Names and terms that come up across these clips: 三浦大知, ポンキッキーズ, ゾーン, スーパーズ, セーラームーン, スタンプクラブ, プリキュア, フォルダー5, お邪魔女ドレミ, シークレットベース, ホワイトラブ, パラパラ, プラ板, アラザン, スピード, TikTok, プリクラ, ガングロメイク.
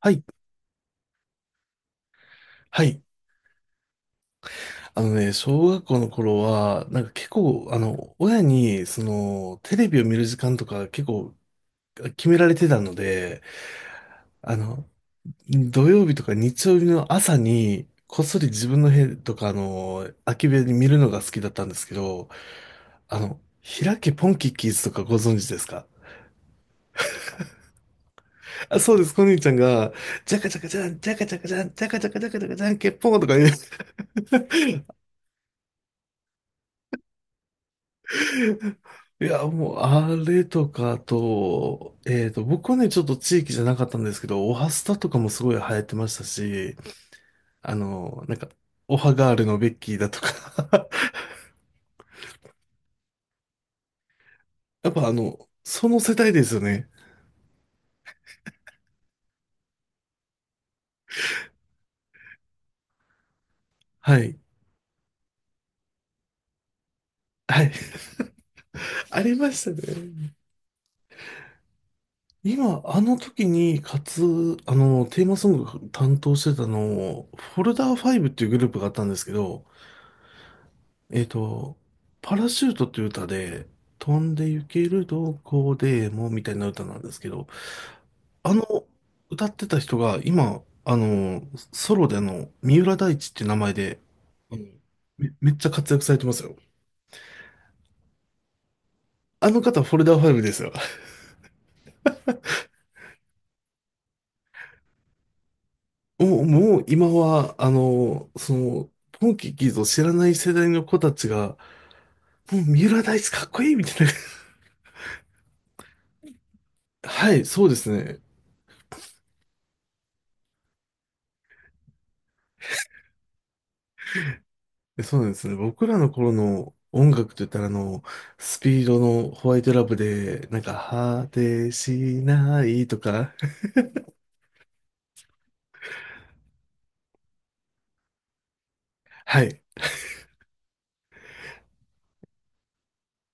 はい、はい。あのね、小学校の頃は、なんか結構、親に、テレビを見る時間とか結構決められてたので、あの、土曜日とか日曜日の朝に、こっそり自分の部屋とか、空き部屋に見るのが好きだったんですけど、あの、開けポンキッキーズとかご存知ですか？ あ、そうです。こにちゃんが、ジャカジャカジャン、ジャカジャカジャン、ジャカジャカジャカジャカジャン、ケッポンとか言う。いや、もう、あれとか、あと、僕はね、ちょっと地域じゃなかったんですけど、オハスタとかもすごい流行ってましたし、あの、なんか、オハガールのベッキーだとか。 やっぱその世代ですよね。はい。はい。ありましたね。今、あの時に、かつ、テーマソング担当してたの、フォルダー5っていうグループがあったんですけど、えっと、パラシュートっていう歌で、飛んで行けるどこでもみたいな歌なんですけど、あの、歌ってた人が今、ソロで三浦大知って名前で、あのめっちゃ活躍されてますよ。あの方、フォルダーファイブですよ。もう、もう今は、ポンキッキーズを知らない世代の子たちが、もう三浦大知かっこいいみたいな。はい、そうですね。え、そうなんですね。僕らの頃の音楽といったら、スピードのホワイトラブで、なんか、果てしないとか、はい。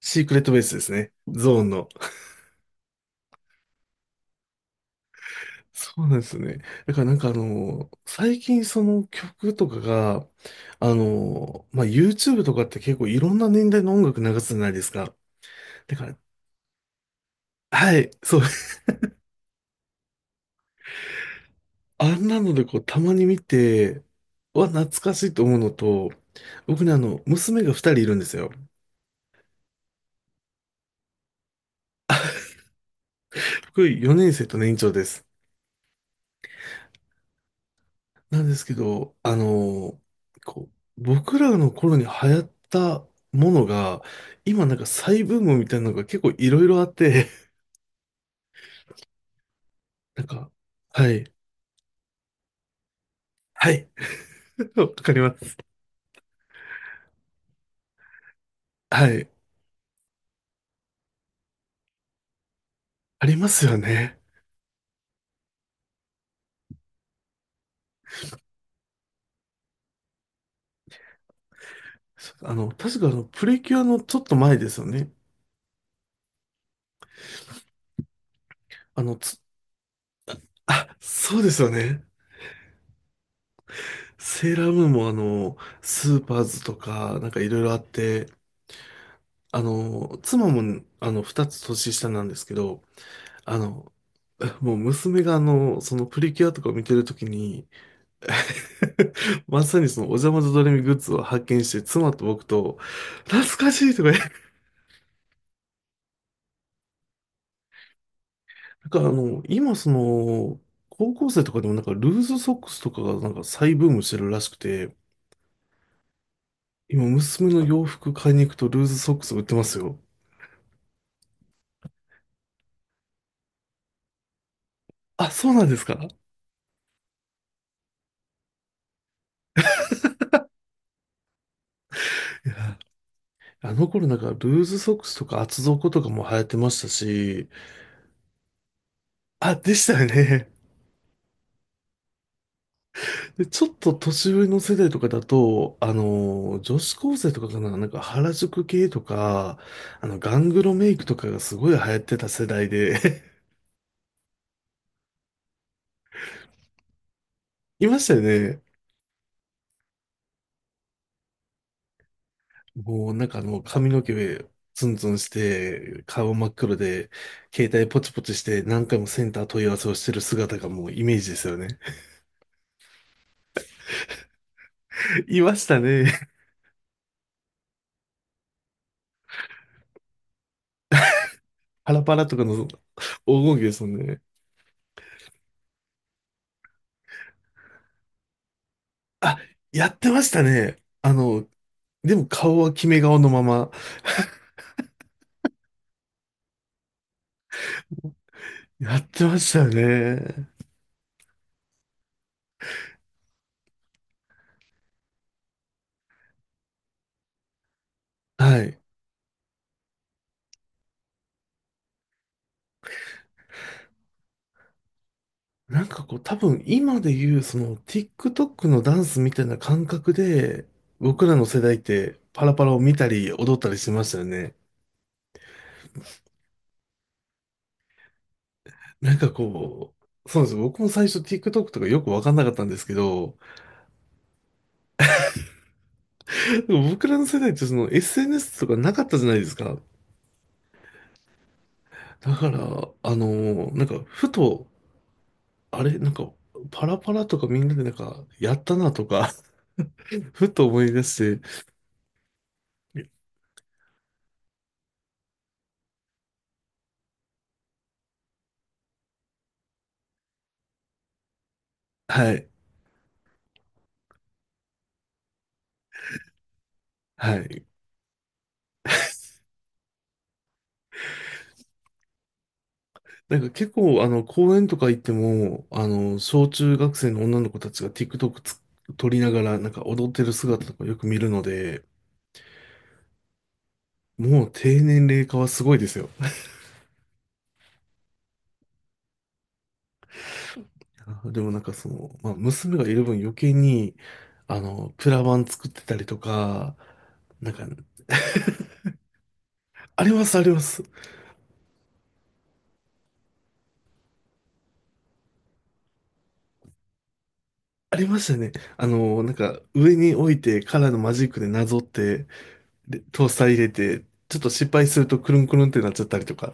シークレットベースですね。ゾーンの。そうなんですよね。だからなんか最近その曲とかが、まあ、YouTube とかって結構いろんな年代の音楽流すじゃないですか。だから、はい、そう。あんなのでこう、たまに見て、は懐かしいと思うのと、僕ね、娘が二人いるんですよ。僕4年生と年長です。なんですけど、こ僕らの頃に流行ったものが、今なんか再ブームみたいなのが結構いろいろあって、なんか、はい、はい、わかります。はい、ありますよね。確かプリキュアのちょっと前ですよね。あの、つ、あ、そうですよね。セーラームーンもスーパーズとか、なんかいろいろあって、妻も2つ年下なんですけど、あの、もう娘がそのプリキュアとかを見てるときに、まさにそのお邪魔女ドレミグッズを発見して、妻と僕と、懐かしいとか言って、なんか今その、高校生とかでもなんかルーズソックスとかがなんか再ブームしてるらしくて、今娘の洋服買いに行くとルーズソックス売ってますよ。あ、そうなんですか。いや、あの頃なんかルーズソックスとか厚底とかも流行ってましたし、あ、でしたよね。で、ちょっと年上の世代とかだと、女子高生とかかな、なんか原宿系とか、ガングロメイクとかがすごい流行ってた世代で。 いましたよね。もうなんか髪の毛ツンツンして、顔真っ黒で、携帯ポチポチして何回もセンター問い合わせをしてる姿がもうイメージですよね。いましたね。パラパラとかの黄金期ですもんね。あ、やってましたね。でも顔は決め顔のまま。やってましたよね。はい。なんかこう、多分今で言う、その TikTok のダンスみたいな感覚で、僕らの世代ってパラパラを見たり踊ったりしてましたよね。なんかこう、そうなんですよ。僕も最初 TikTok とかよくわかんなかったんですけど、でも僕らの世代ってその SNS とかなかったじゃないですか。だから、なんかふと、あれ、なんかパラパラとかみんなでなんかやったなとか、 ふと思い出して、はい。はい。なんか結構、公園とか行っても、小中学生の女の子たちが TikTok 撮りながら、なんか踊ってる姿とかよく見るので、もう低年齢化はすごいですよ。あでもなんかその、まあ、娘がいる分余計に、プラ板作ってたりとか、なんか、あります、あります。ありましたね。上に置いて、カラーのマジックでなぞって、で、トースター入れて、ちょっと失敗すると、くるんくるんってなっちゃったりとか。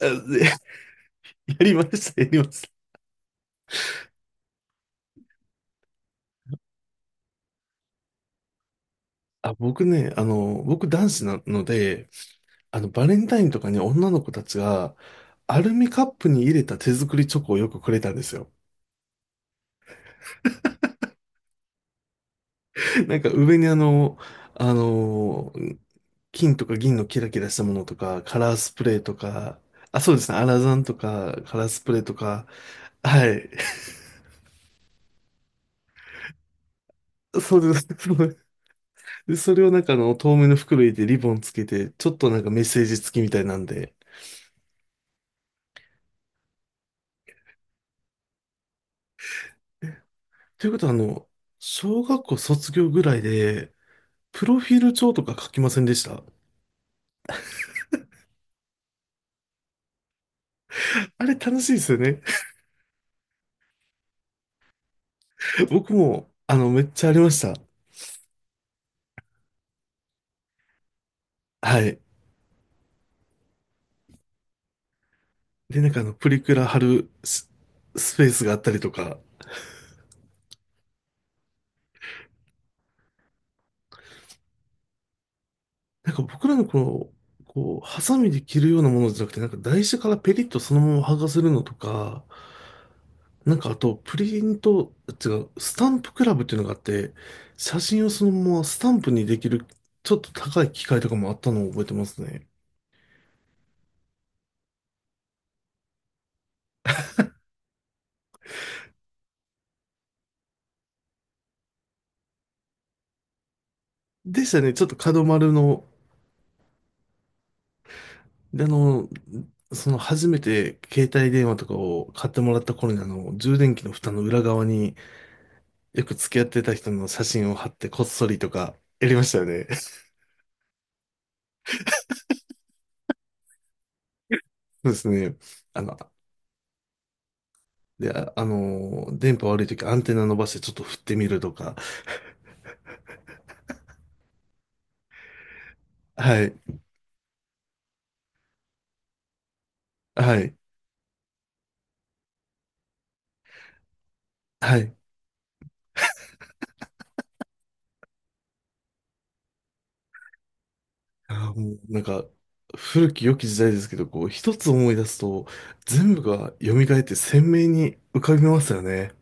あで やりました、やりました。あ、僕ね、僕男子なので、バレンタインとかに女の子たちが、アルミカップに入れた手作りチョコをよくくれたんですよ。なんか上にあの、金とか銀のキラキラしたものとか、カラースプレーとか、あ、そうですね、アラザンとか、カラースプレーとか、はい。そうです。そうです。で、それをなんか透明の袋入れてリボンつけて、ちょっとなんかメッセージ付きみたいなんで。ということは小学校卒業ぐらいで、プロフィール帳とか書きませんでした？あれ、楽しいですよね。僕も、めっちゃありました。はい。で、なんかプリクラ貼るスペースがあったりとか、なんか僕らのこの、こう、ハサミで切るようなものじゃなくて、なんか台紙からペリッとそのまま剥がせるのとか、なんかあと、プリント、違う、スタンプクラブっていうのがあって、写真をそのままスタンプにできる、ちょっと高い機械とかもあったのを覚えてますね。でしたね。ちょっと角丸ので、その初めて携帯電話とかを買ってもらった頃に充電器の蓋の裏側によく付き合ってた人の写真を貼ってこっそりとかやりましたよね。そうですね。あの、で、あ、電波悪い時アンテナ伸ばしてちょっと振ってみるとか。はい。はい。はい。あー、もうなんか、古き良き時代ですけど、こう、一つ思い出すと、全部が蘇って鮮明に浮かびますよね。